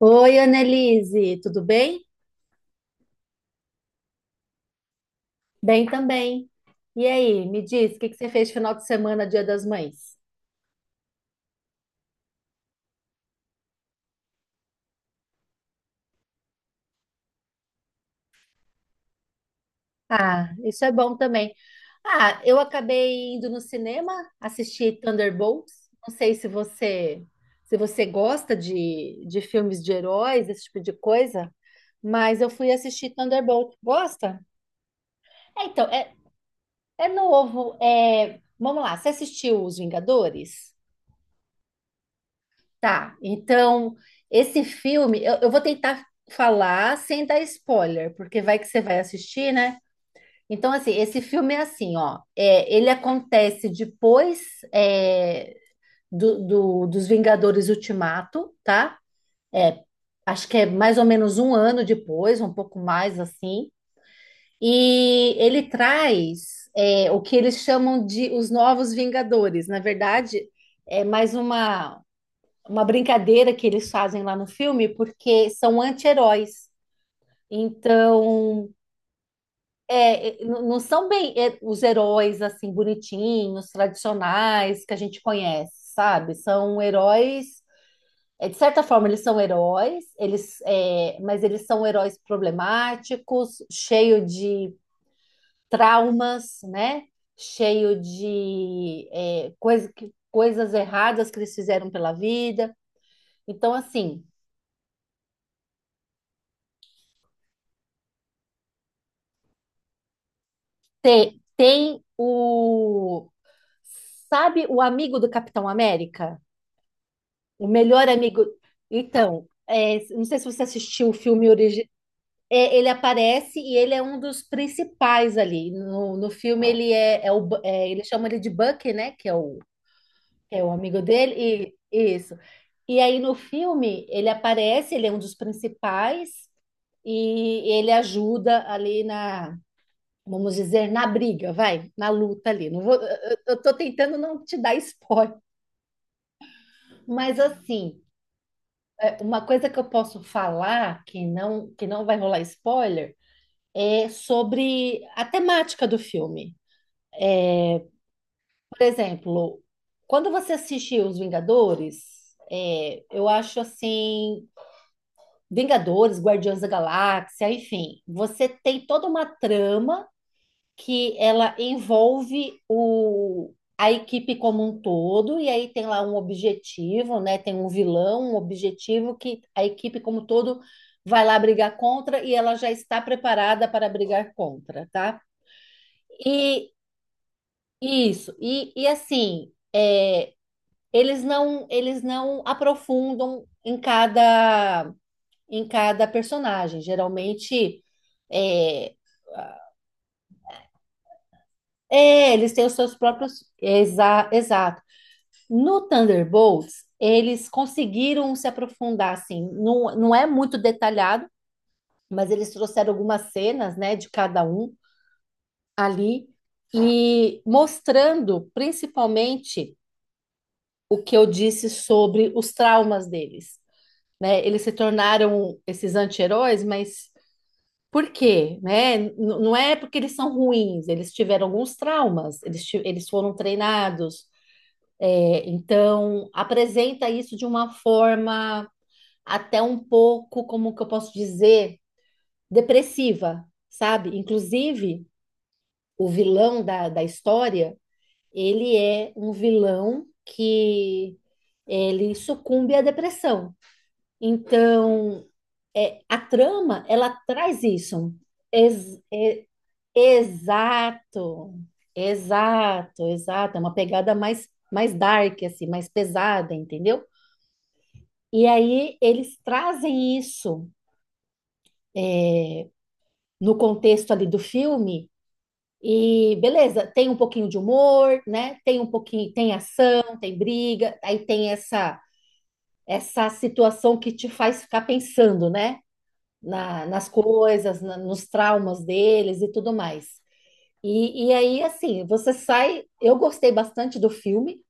Oi, Annelise, tudo bem? Bem também. E aí, me diz, o que que você fez final de semana, Dia das Mães? Ah, isso é bom também. Ah, eu acabei indo no cinema assistir Thunderbolts. Não sei se você gosta de filmes de heróis, esse tipo de coisa, mas eu fui assistir Thunderbolts. Gosta? É, então, é, é novo. Vamos lá, você assistiu Os Vingadores? Tá, então esse filme eu vou tentar falar sem dar spoiler, porque vai que você vai assistir, né? Então, assim, esse filme é assim, ó, ele acontece depois é, dos Vingadores Ultimato, tá? É, acho que é mais ou menos um ano depois, um pouco mais assim, e ele traz o que eles chamam de os Novos Vingadores. Na verdade, é mais uma brincadeira que eles fazem lá no filme, porque são anti-heróis. Então, não são bem os heróis assim bonitinhos, tradicionais que a gente conhece, sabe? São heróis, de certa forma eles são heróis, mas eles são heróis problemáticos, cheio de traumas, né? Cheio de coisas erradas que eles fizeram pela vida. Então, assim, Tem, tem o. Sabe o amigo do Capitão América? O melhor amigo. Então, não sei se você assistiu o filme original. Ele aparece e ele é um dos principais ali. No filme, ele é, é o. Bu- é, ele chama ele de Bucky, né? Que é o amigo dele. E, isso. E aí no filme, ele aparece, ele é um dos principais. E ele ajuda ali na, vamos dizer, na briga, vai, na luta ali. Não vou, eu tô tentando não te dar spoiler, mas assim, uma coisa que eu posso falar que não vai rolar spoiler é sobre a temática do filme. Por exemplo, quando você assistiu Os Vingadores, eu acho assim, Vingadores, Guardiões da Galáxia, enfim, você tem toda uma trama que ela envolve a equipe como um todo, e aí tem lá um objetivo, né? Tem um vilão, um objetivo que a equipe como um todo vai lá brigar contra e ela já está preparada para brigar contra, tá? E isso, eles não aprofundam em cada personagem. Geralmente é, eles têm os seus próprios. No Thunderbolts, eles conseguiram se aprofundar, assim, não é muito detalhado, mas eles trouxeram algumas cenas, né, de cada um ali, e mostrando principalmente o que eu disse sobre os traumas deles, né? Eles se tornaram esses anti-heróis, mas por quê, né? Não é porque eles são ruins, eles tiveram alguns traumas, eles foram treinados, então apresenta isso de uma forma até um pouco, como que eu posso dizer, depressiva, sabe? Inclusive, o vilão da história, ele é um vilão que ele sucumbe à depressão. Então, a trama, ela traz isso. Ex- é- exato, exato, exato. É uma pegada mais, dark, assim, mais pesada, entendeu? E aí eles trazem isso no contexto ali do filme. E beleza, tem um pouquinho de humor, né? Tem um pouquinho, tem ação, tem briga, aí tem essa situação que te faz ficar pensando, né? Nas coisas, nos traumas deles e tudo mais. E aí, assim, você sai. Eu gostei bastante do filme,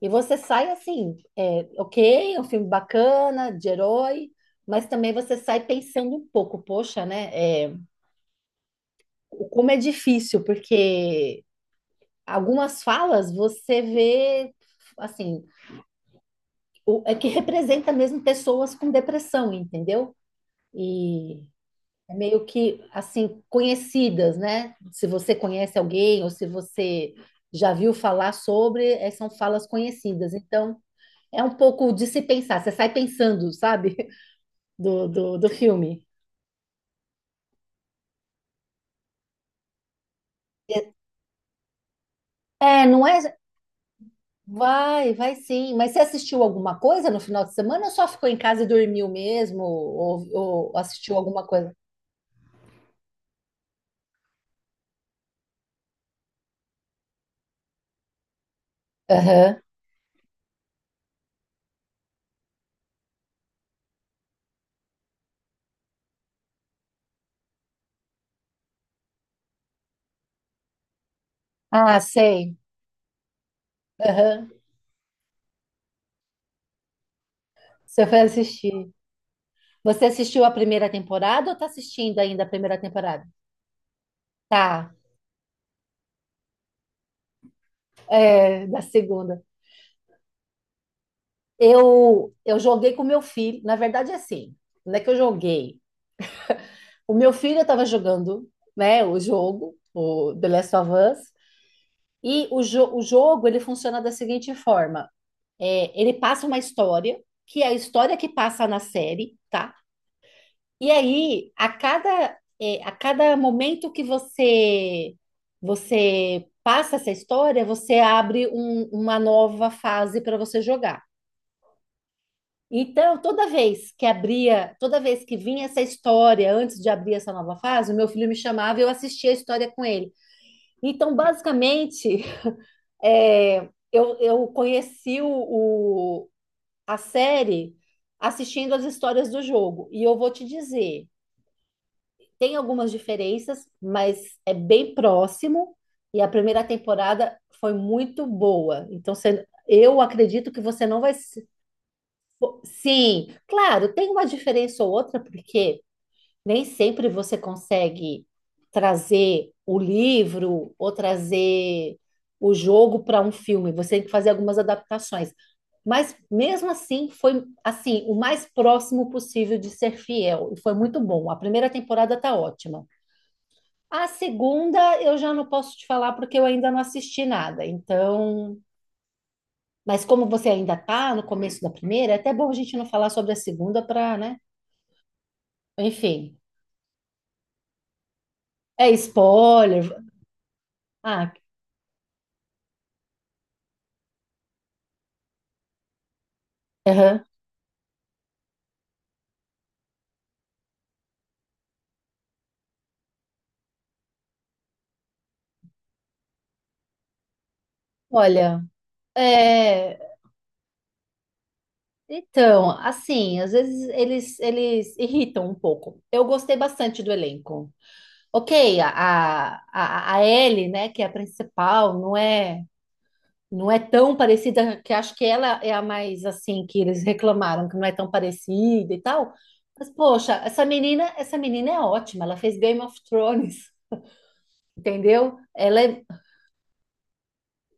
e você sai assim, é, ok, é um filme bacana, de herói, mas também você sai pensando um pouco, poxa, né? é, como é difícil, porque algumas falas você vê assim, é que representa mesmo pessoas com depressão, entendeu? E é meio que assim conhecidas, né? Se você conhece alguém ou se você já viu falar sobre, são falas conhecidas. Então, é um pouco de se pensar, você sai pensando, sabe? Do filme. É, não é? Vai, vai sim. Mas você assistiu alguma coisa no final de semana ou só ficou em casa e dormiu mesmo? Ou, assistiu alguma coisa? Aham. Ah, sei. Aham. Você foi assistir. Você assistiu a primeira temporada ou tá assistindo ainda a primeira temporada? Tá, da segunda. Eu joguei com meu filho. Na verdade, é assim, não é que eu joguei. O meu filho estava jogando, né, o jogo, o The Last of Us, o jogo, ele funciona da seguinte forma. É, ele passa uma história, que é a história que passa na série, tá? E aí, a cada momento que você passa essa história, você abre uma nova fase para você jogar. Então, toda vez que abria, toda vez que vinha essa história, antes de abrir essa nova fase, o meu filho me chamava e eu assistia a história com ele. Então, basicamente, eu conheci a série assistindo as histórias do jogo. E eu vou te dizer. Tem algumas diferenças, mas é bem próximo. E a primeira temporada foi muito boa. Então, eu acredito que você não vai. Pô, sim, claro, tem uma diferença ou outra, porque nem sempre você consegue trazer o livro ou trazer o jogo para um filme. Você tem que fazer algumas adaptações. Mas mesmo assim, foi assim, o mais próximo possível de ser fiel. E foi muito bom. A primeira temporada tá ótima. A segunda eu já não posso te falar porque eu ainda não assisti nada. Então, mas como você ainda está no começo da primeira, é até bom a gente não falar sobre a segunda para, né? Enfim, é spoiler. Ah, aham. Olha, é, então, assim, às vezes eles irritam um pouco. Eu gostei bastante do elenco. Ok, a Ellie, né, que é a principal, não é? Não é tão parecida, que acho que ela é a mais assim que eles reclamaram, que não é tão parecida e tal. Mas poxa, essa menina é ótima, ela fez Game of Thrones, entendeu? Ela é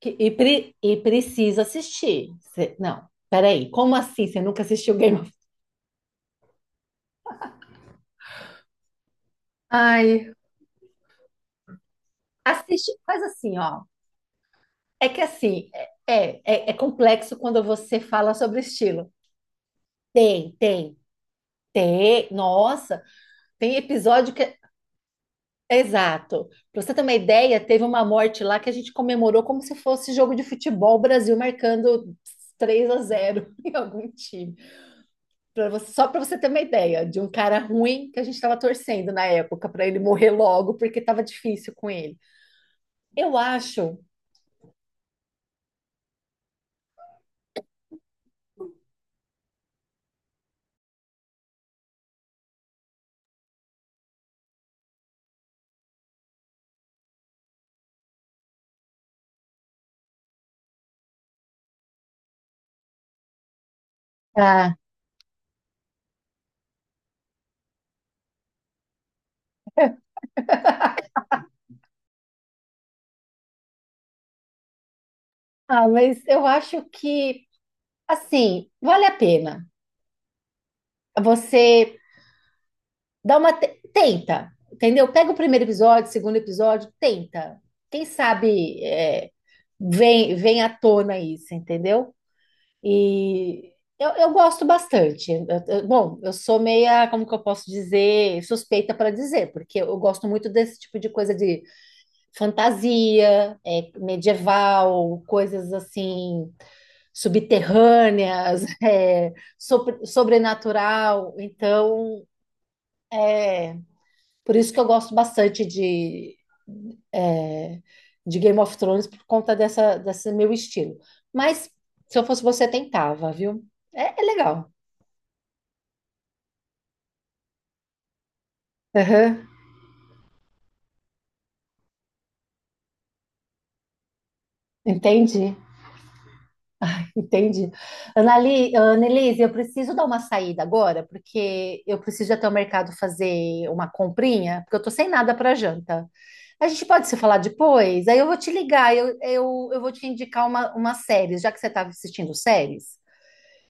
precisa assistir. Não, peraí, como assim? Você nunca assistiu Game of... Ai, assiste, faz assim, ó. É que assim, é, é, é complexo quando você fala sobre estilo. Tem, tem, tem. Nossa, tem episódio que... Exato. Para você ter uma ideia, teve uma morte lá que a gente comemorou como se fosse jogo de futebol, o Brasil marcando 3-0 em algum time. Só para você ter uma ideia de um cara ruim que a gente estava torcendo na época para ele morrer logo, porque estava difícil com ele. Eu acho. Ah, ah, mas eu acho que, assim, vale a pena você... Dá uma tenta, entendeu? Pega o primeiro episódio, o segundo episódio, tenta. Quem sabe vem à tona isso, entendeu? E eu gosto bastante. Bom, eu sou meia, como que eu posso dizer, suspeita para dizer, porque eu gosto muito desse tipo de coisa de fantasia, medieval, coisas assim subterrâneas, sobrenatural. Então é, por isso que eu gosto bastante é, de Game of Thrones, por conta dessa, desse meu estilo. Mas se eu fosse você, tentava, viu? É legal. Aham. Entendi, entendi. Annelise, eu preciso dar uma saída agora, porque eu preciso ir até o mercado fazer uma comprinha, porque eu tô sem nada para janta. A gente pode se falar depois? Aí eu vou te ligar, eu vou te indicar uma série, já que você estava assistindo séries.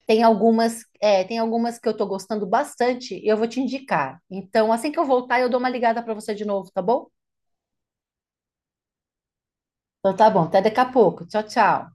Tem algumas, tem algumas que eu tô gostando bastante e eu vou te indicar. Então, assim que eu voltar, eu dou uma ligada para você de novo, tá bom? Então tá bom, até daqui a pouco. Tchau, tchau.